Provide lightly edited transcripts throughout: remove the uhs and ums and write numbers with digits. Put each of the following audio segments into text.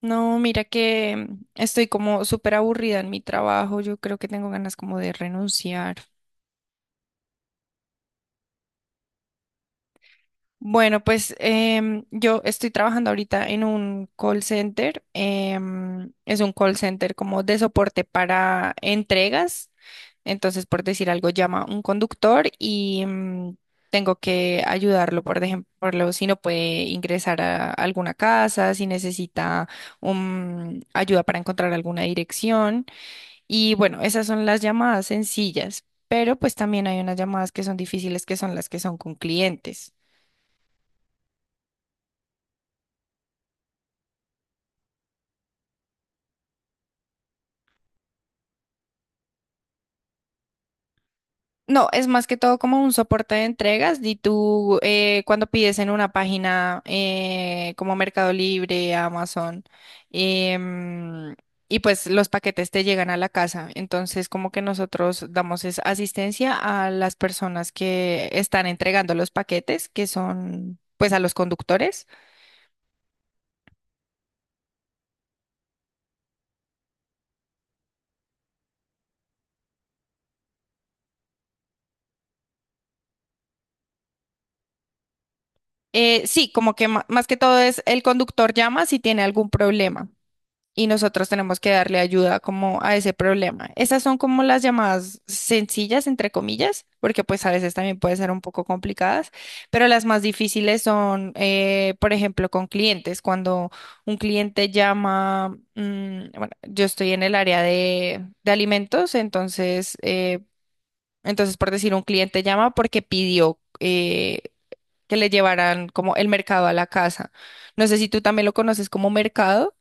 No, mira que estoy como súper aburrida en mi trabajo. Yo creo que tengo ganas como de renunciar. Bueno, pues yo estoy trabajando ahorita en un call center. Es un call center como de soporte para entregas. Entonces, por decir algo, llama un conductor y tengo que ayudarlo, por ejemplo, si no puede ingresar a alguna casa, si necesita ayuda para encontrar alguna dirección. Y bueno, esas son las llamadas sencillas, pero pues también hay unas llamadas que son difíciles, que son las que son con clientes. No, es más que todo como un soporte de entregas. Y tú, cuando pides en una página como Mercado Libre, Amazon, em, y pues los paquetes te llegan a la casa. Entonces, como que nosotros damos es asistencia a las personas que están entregando los paquetes, que son pues a los conductores. Sí, como que más que todo es el conductor llama si tiene algún problema y nosotros tenemos que darle ayuda como a ese problema. Esas son como las llamadas sencillas, entre comillas, porque pues a veces también pueden ser un poco complicadas, pero las más difíciles son, por ejemplo, con clientes. Cuando un cliente llama, mm, bueno, yo estoy en el área de alimentos, entonces, entonces por decir, un cliente llama porque pidió. Que le llevarán como el mercado a la casa. No sé si tú también lo conoces como mercado.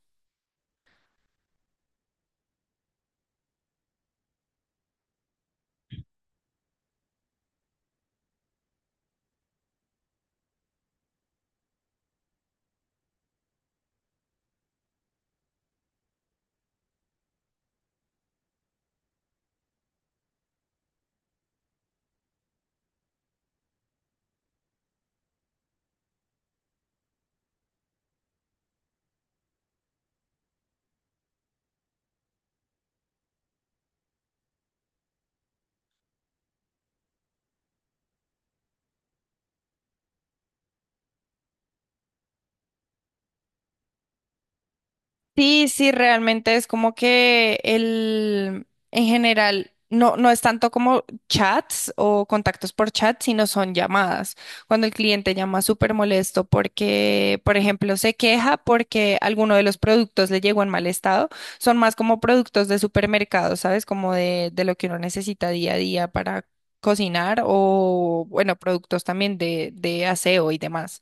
Sí, sí, realmente es como que el, en general, no, no es tanto como chats o contactos por chat, sino son llamadas. Cuando el cliente llama súper molesto porque, por ejemplo, se queja porque alguno de los productos le llegó en mal estado, son más como productos de supermercado, ¿sabes? Como de lo que uno necesita día a día para cocinar o, bueno, productos también de aseo y demás.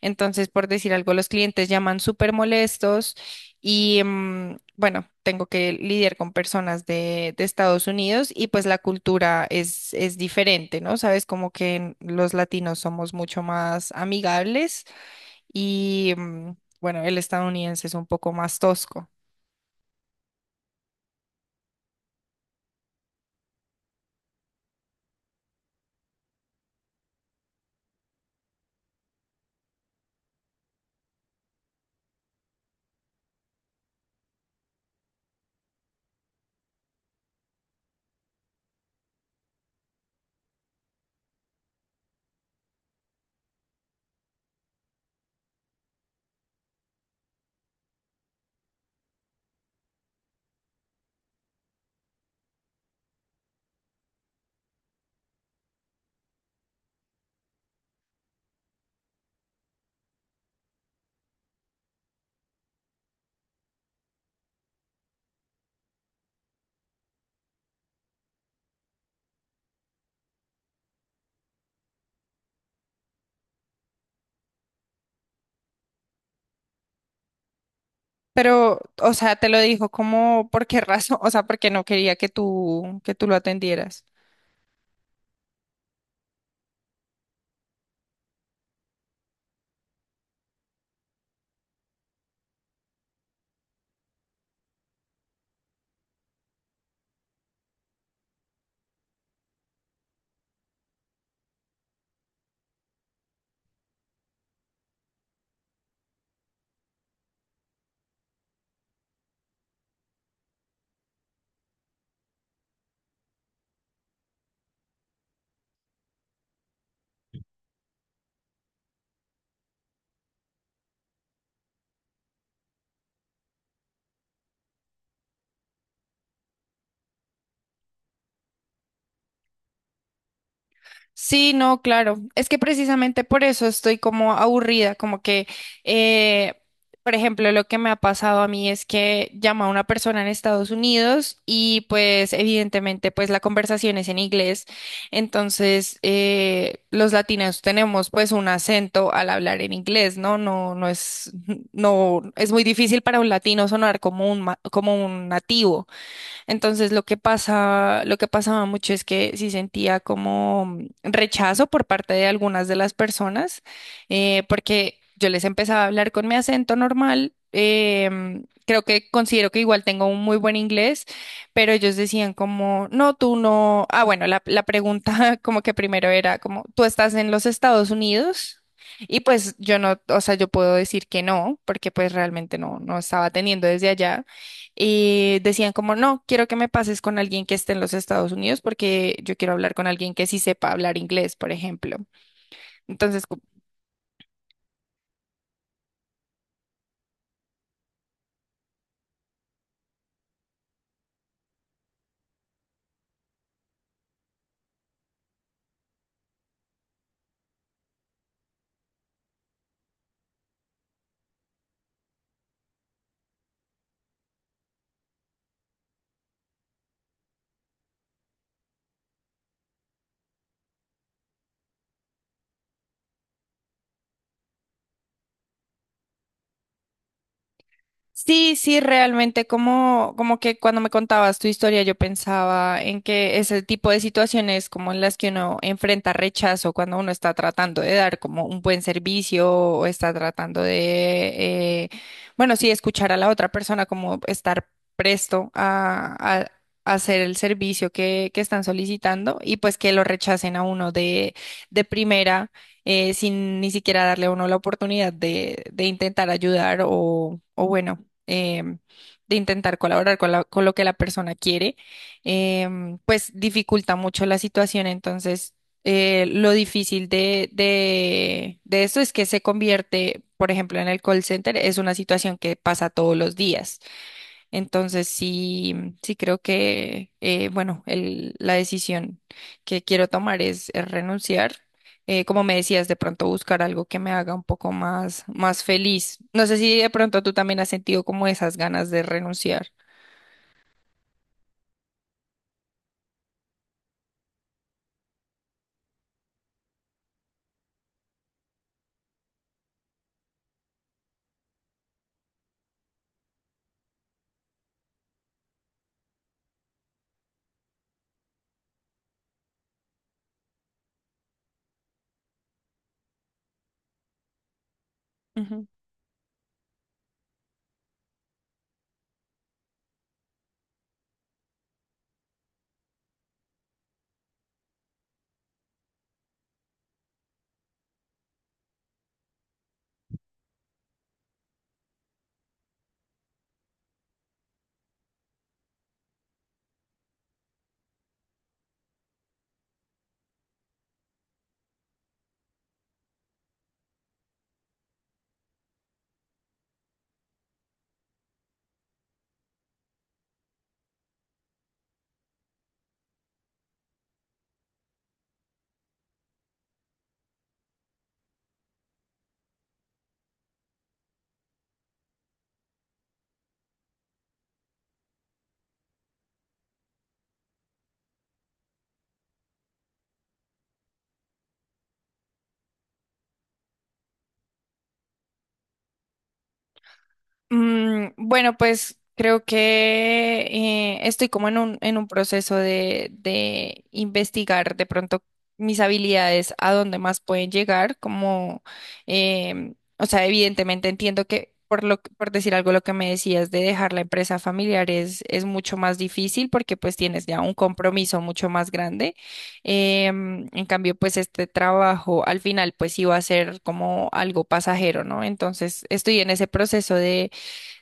Entonces, por decir algo, los clientes llaman súper molestos y bueno, tengo que lidiar con personas de Estados Unidos y pues la cultura es diferente, ¿no? Sabes, como que los latinos somos mucho más amigables y bueno, el estadounidense es un poco más tosco. Pero, o sea, te lo dijo como, ¿por qué razón? O sea, porque no quería que tú lo atendieras. Sí, no, claro. Es que precisamente por eso estoy como aburrida, como que, eh, por ejemplo, lo que me ha pasado a mí es que llamo a una persona en Estados Unidos y pues evidentemente pues la conversación es en inglés. Entonces, los latinos tenemos pues un acento al hablar en inglés, ¿no? No, es muy difícil para un latino sonar como un, como un nativo. Entonces lo que pasaba mucho es que sí sentía como rechazo por parte de algunas de las personas, porque yo les empezaba a hablar con mi acento normal. Creo que considero que igual tengo un muy buen inglés, pero ellos decían como, no, tú no. Ah, bueno, la pregunta como que primero era como, ¿tú estás en los Estados Unidos? Y pues yo no, o sea, yo puedo decir que no, porque pues realmente no, no estaba teniendo desde allá. Y decían como, no, quiero que me pases con alguien que esté en los Estados Unidos porque yo quiero hablar con alguien que sí sepa hablar inglés, por ejemplo. Entonces, sí, sí, realmente como, como que cuando me contabas tu historia yo pensaba en que ese tipo de situaciones como en las que uno enfrenta rechazo cuando uno está tratando de dar como un buen servicio o está tratando de, bueno, sí, escuchar a la otra persona como estar presto a hacer el servicio que están solicitando y pues que lo rechacen a uno de primera sin ni siquiera darle a uno la oportunidad de intentar ayudar o bueno em, de intentar colaborar con, con lo que la persona quiere, pues dificulta mucho la situación. Entonces, lo difícil de eso es que se convierte, por ejemplo, en el call center, es una situación que pasa todos los días. Entonces sí, sí creo que, bueno, la decisión que quiero tomar es renunciar. Como me decías, de pronto buscar algo que me haga un poco más, más feliz. No sé si de pronto tú también has sentido como esas ganas de renunciar. Mm, bueno, pues creo que estoy como en un proceso de investigar de pronto mis habilidades, a dónde más pueden llegar, como, o sea, evidentemente entiendo que por lo, por decir algo, lo que me decías de dejar la empresa familiar es mucho más difícil porque pues tienes ya un compromiso mucho más grande. Em, en cambio, pues este trabajo al final pues iba a ser como algo pasajero, ¿no? Entonces estoy en ese proceso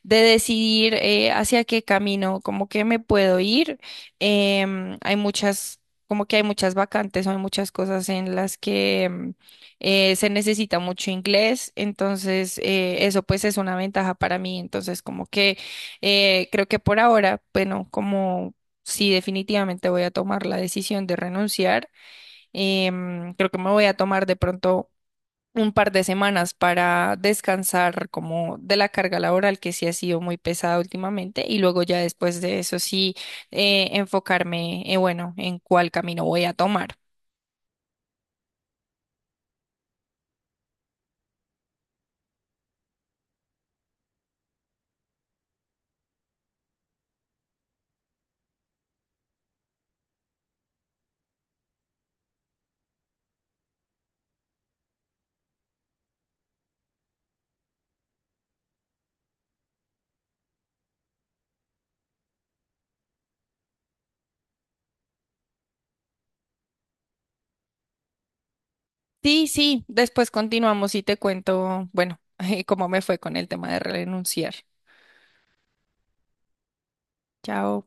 de decidir hacia qué camino, como que me puedo ir. Em, hay muchas, como que hay muchas vacantes, hay muchas cosas en las que se necesita mucho inglés, entonces eso pues es una ventaja para mí, entonces como que creo que por ahora, bueno, como... Sí, definitivamente voy a tomar la decisión de renunciar. Creo que me voy a tomar de pronto un par de semanas para descansar como de la carga laboral que sí ha sido muy pesada últimamente y luego ya después de eso sí enfocarme, bueno, en cuál camino voy a tomar. Sí, sí, después continuamos y te cuento, bueno, cómo me fue con el tema de renunciar. Chao.